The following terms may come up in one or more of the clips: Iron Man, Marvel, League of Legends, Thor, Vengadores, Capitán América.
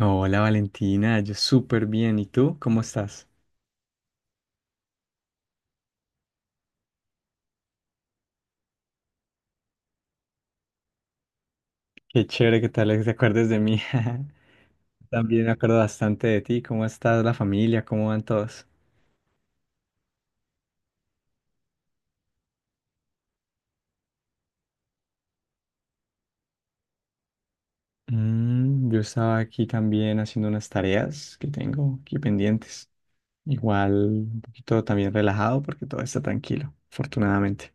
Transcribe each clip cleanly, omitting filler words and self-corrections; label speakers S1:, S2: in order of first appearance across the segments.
S1: Hola Valentina, yo súper bien. ¿Y tú? ¿Cómo estás? Qué chévere que tal vez te acuerdes de mí. También me acuerdo bastante de ti. ¿Cómo estás, la familia? ¿Cómo van todos? Yo estaba aquí también haciendo unas tareas que tengo aquí pendientes. Igual un poquito también relajado porque todo está tranquilo, afortunadamente.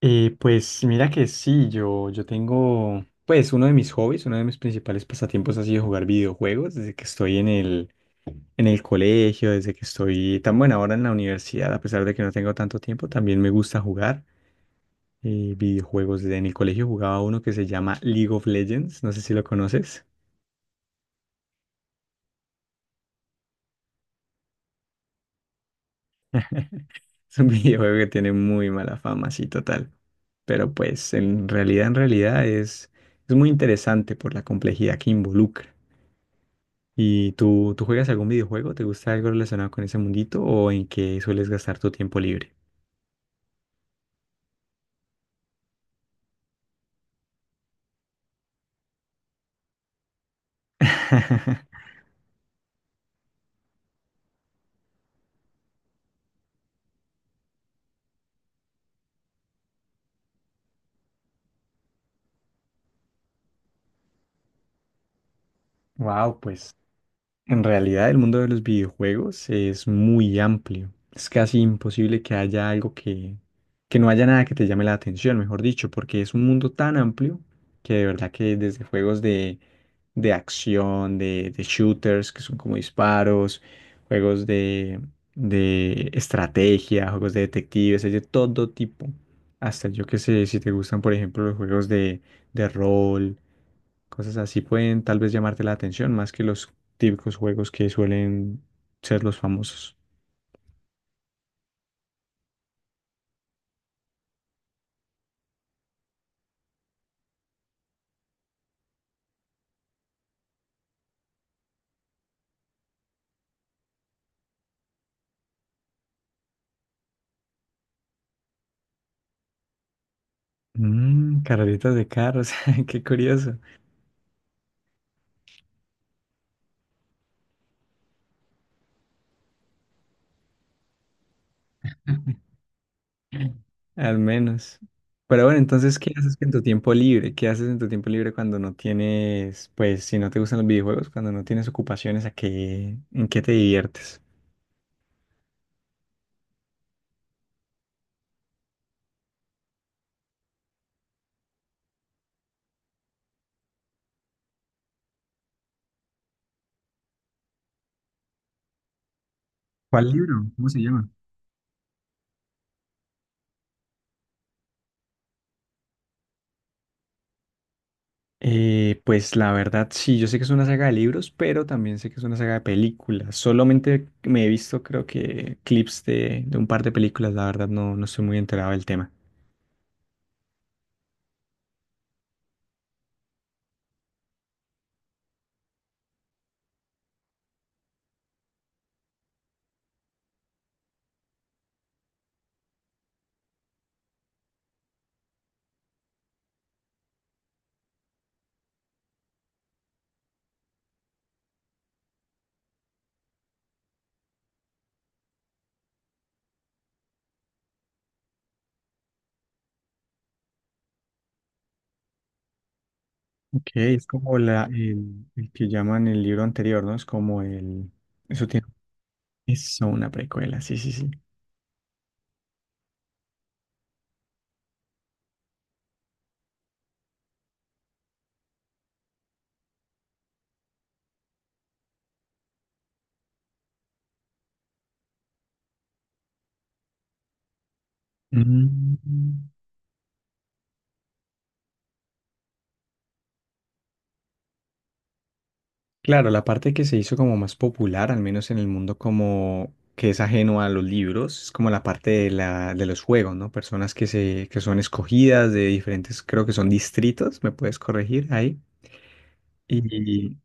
S1: Pues mira que sí, yo tengo, pues uno de mis hobbies, uno de mis principales pasatiempos ha sido jugar videojuegos desde que estoy en el colegio, desde que estoy tan buena ahora en la universidad, a pesar de que no tengo tanto tiempo, también me gusta jugar videojuegos. Desde en el colegio jugaba uno que se llama League of Legends, no sé si lo conoces. Es un videojuego que tiene muy mala fama, sí, total. Pero pues en realidad es muy interesante por la complejidad que involucra. ¿Y tú juegas algún videojuego? ¿Te gusta algo relacionado con ese mundito o en qué sueles gastar tu tiempo libre? Wow, pues en realidad, el mundo de los videojuegos es muy amplio. Es casi imposible que haya algo que no haya nada que te llame la atención, mejor dicho, porque es un mundo tan amplio que de verdad que desde juegos de acción, de shooters, que son como disparos, juegos de estrategia, juegos de detectives, hay de todo tipo. Hasta yo que sé, si te gustan, por ejemplo, los juegos de rol, cosas así pueden tal vez llamarte la atención más que los típicos juegos que suelen ser los famosos. Carreritas de carros, qué curioso, al menos. Pero bueno, entonces, ¿qué haces en tu tiempo libre? ¿Qué haces en tu tiempo libre cuando no tienes, pues, si no te gustan los videojuegos, cuando no tienes ocupaciones, ¿a qué, en qué te diviertes? ¿Cuál libro? ¿Cómo se llama? Pues la verdad, sí, yo sé que es una saga de libros, pero también sé que es una saga de películas. Solamente me he visto, creo que, clips de un par de películas, la verdad, no, no estoy muy enterado del tema. Ok, es como el que llaman el libro anterior, ¿no? Es como el… Eso tiene… Eso, una precuela, sí, sí, sí. Mm. Claro, la parte que se hizo como más popular, al menos en el mundo como que es ajeno a los libros, es como la parte de de los juegos, ¿no? Personas que son escogidas de diferentes, creo que son distritos, me puedes corregir ahí. Y,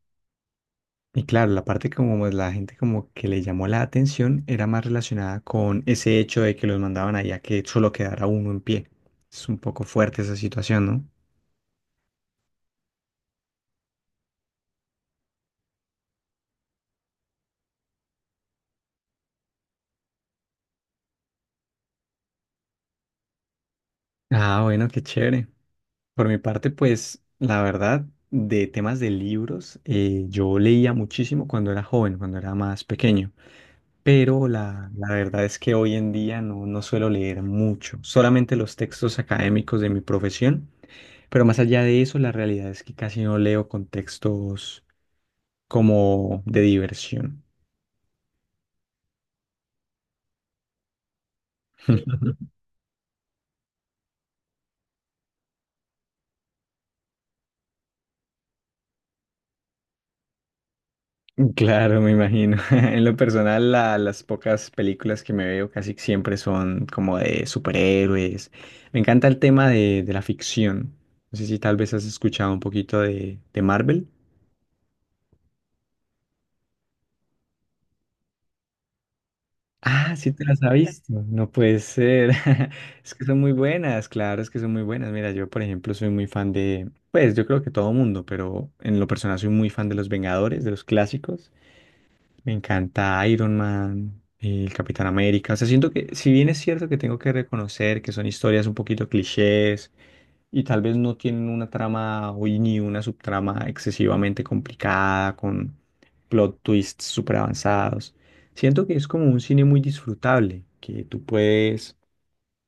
S1: y claro, la parte como más la gente como que le llamó la atención era más relacionada con ese hecho de que los mandaban allá que solo quedara uno en pie. Es un poco fuerte esa situación, ¿no? Ah, bueno, qué chévere. Por mi parte, pues la verdad, de temas de libros, yo leía muchísimo cuando era joven, cuando era más pequeño, pero la verdad es que hoy en día no, no suelo leer mucho, solamente los textos académicos de mi profesión, pero más allá de eso, la realidad es que casi no leo con textos como de diversión. Claro, me imagino. En lo personal, las pocas películas que me veo casi siempre son como de superhéroes. Me encanta el tema de la ficción. No sé si tal vez has escuchado un poquito de Marvel. Ah, sí te las has visto. No puede ser. Es que son muy buenas, claro, es que son muy buenas. Mira, yo, por ejemplo, soy muy fan de, pues yo creo que todo mundo, pero en lo personal soy muy fan de los Vengadores, de los clásicos. Me encanta Iron Man, el Capitán América. O sea, siento que, si bien es cierto que tengo que reconocer que son historias un poquito clichés y tal vez no tienen una trama o ni una subtrama excesivamente complicada con plot twists súper avanzados, siento que es como un cine muy disfrutable, que tú puedes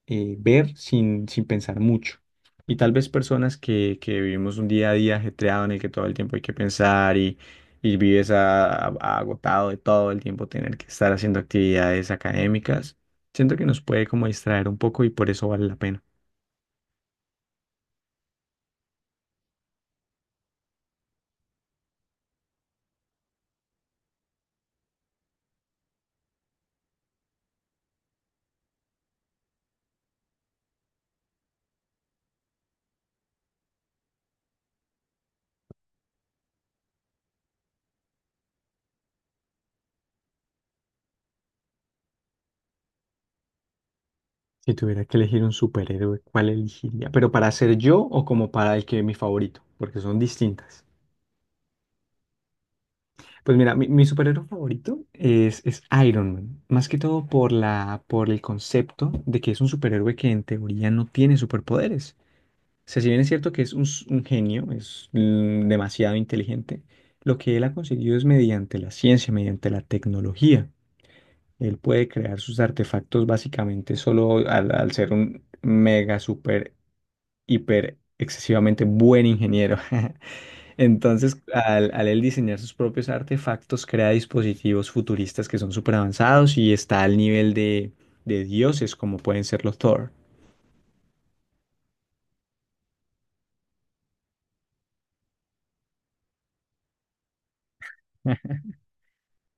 S1: ver sin, sin pensar mucho. Y tal vez personas que vivimos un día a día ajetreado en el que todo el tiempo hay que pensar y vives agotado de todo el tiempo tener que estar haciendo actividades académicas, siento que nos puede como distraer un poco y por eso vale la pena. Si tuviera que elegir un superhéroe, ¿cuál elegiría? ¿Pero para ser yo o como para el que es mi favorito? Porque son distintas. Pues mira, mi superhéroe favorito es Iron Man, más que todo por por el concepto de que es un superhéroe que en teoría no tiene superpoderes. O sea, si bien es cierto que es un genio, es demasiado inteligente, lo que él ha conseguido es mediante la ciencia, mediante la tecnología. Él puede crear sus artefactos básicamente solo al ser un mega, super, hiper, excesivamente buen ingeniero. Entonces, al él diseñar sus propios artefactos, crea dispositivos futuristas que son súper avanzados y está al nivel de dioses como pueden ser los Thor.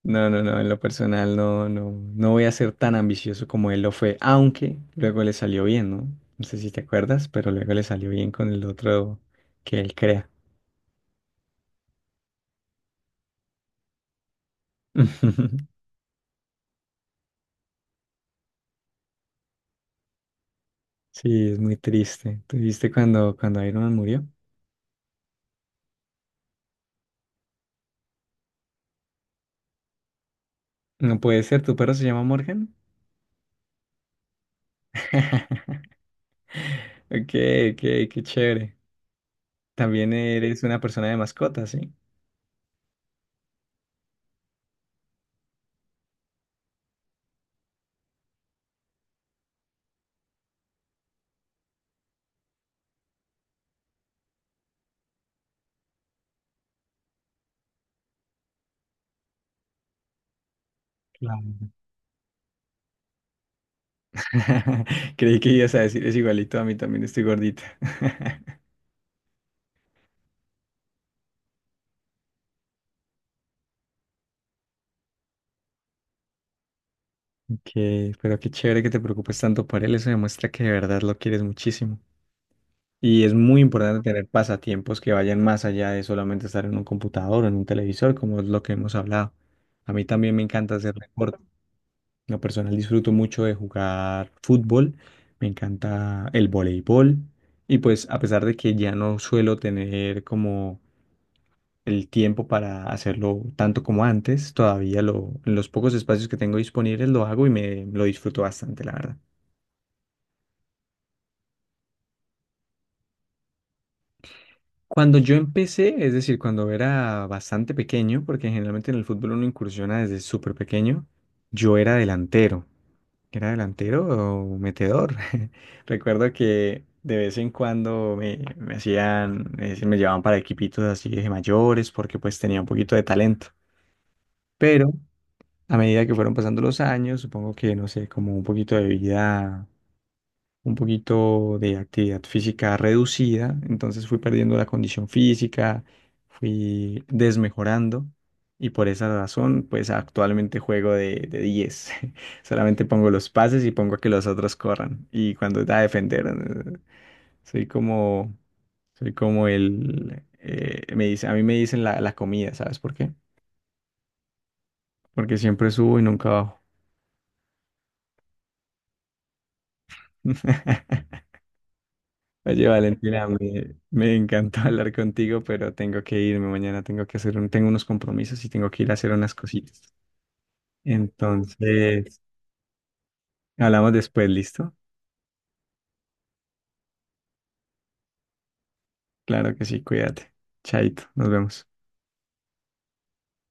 S1: No, no, no, en lo personal no, no, no voy a ser tan ambicioso como él lo fue, aunque luego le salió bien, ¿no? No sé si te acuerdas, pero luego le salió bien con el otro que él crea. Sí, es muy triste. ¿Tú viste cuando Iron Man murió? No puede ser, ¿tu perro se llama Morgan? Ok, ok, qué chévere. También eres una persona de mascotas, ¿sí? Claro. Creí que ibas a decir, es igualito a mí, también estoy gordita. Que, pero qué chévere que te preocupes tanto por él, eso demuestra que de verdad lo quieres muchísimo. Y es muy importante tener pasatiempos que vayan más allá de solamente estar en un computador o en un televisor, como es lo que hemos hablado. A mí también me encanta hacer deporte. En lo personal disfruto mucho de jugar fútbol, me encanta el voleibol y pues a pesar de que ya no suelo tener como el tiempo para hacerlo tanto como antes, todavía lo, en los pocos espacios que tengo disponibles lo hago y me lo disfruto bastante, la verdad. Cuando yo empecé, es decir, cuando era bastante pequeño, porque generalmente en el fútbol uno incursiona desde súper pequeño, yo era delantero. ¿Era delantero o metedor? Recuerdo que de vez en cuando me hacían, es decir, me llevaban para equipitos así de mayores porque pues tenía un poquito de talento. Pero a medida que fueron pasando los años, supongo que, no sé, como un poquito de vida un poquito de actividad física reducida, entonces fui perdiendo la condición física, fui desmejorando y por esa razón pues actualmente juego de 10. Solamente pongo los pases y pongo a que los otros corran y cuando da a defender soy como soy como el me dice, a mí me dicen la comida, ¿sabes por qué? Porque siempre subo y nunca bajo. Oye, Valentina, me encantó hablar contigo, pero tengo que irme mañana, tengo que hacer tengo unos compromisos y tengo que ir a hacer unas cositas. Entonces, hablamos después, ¿listo? Claro que sí, cuídate. Chaito, nos vemos.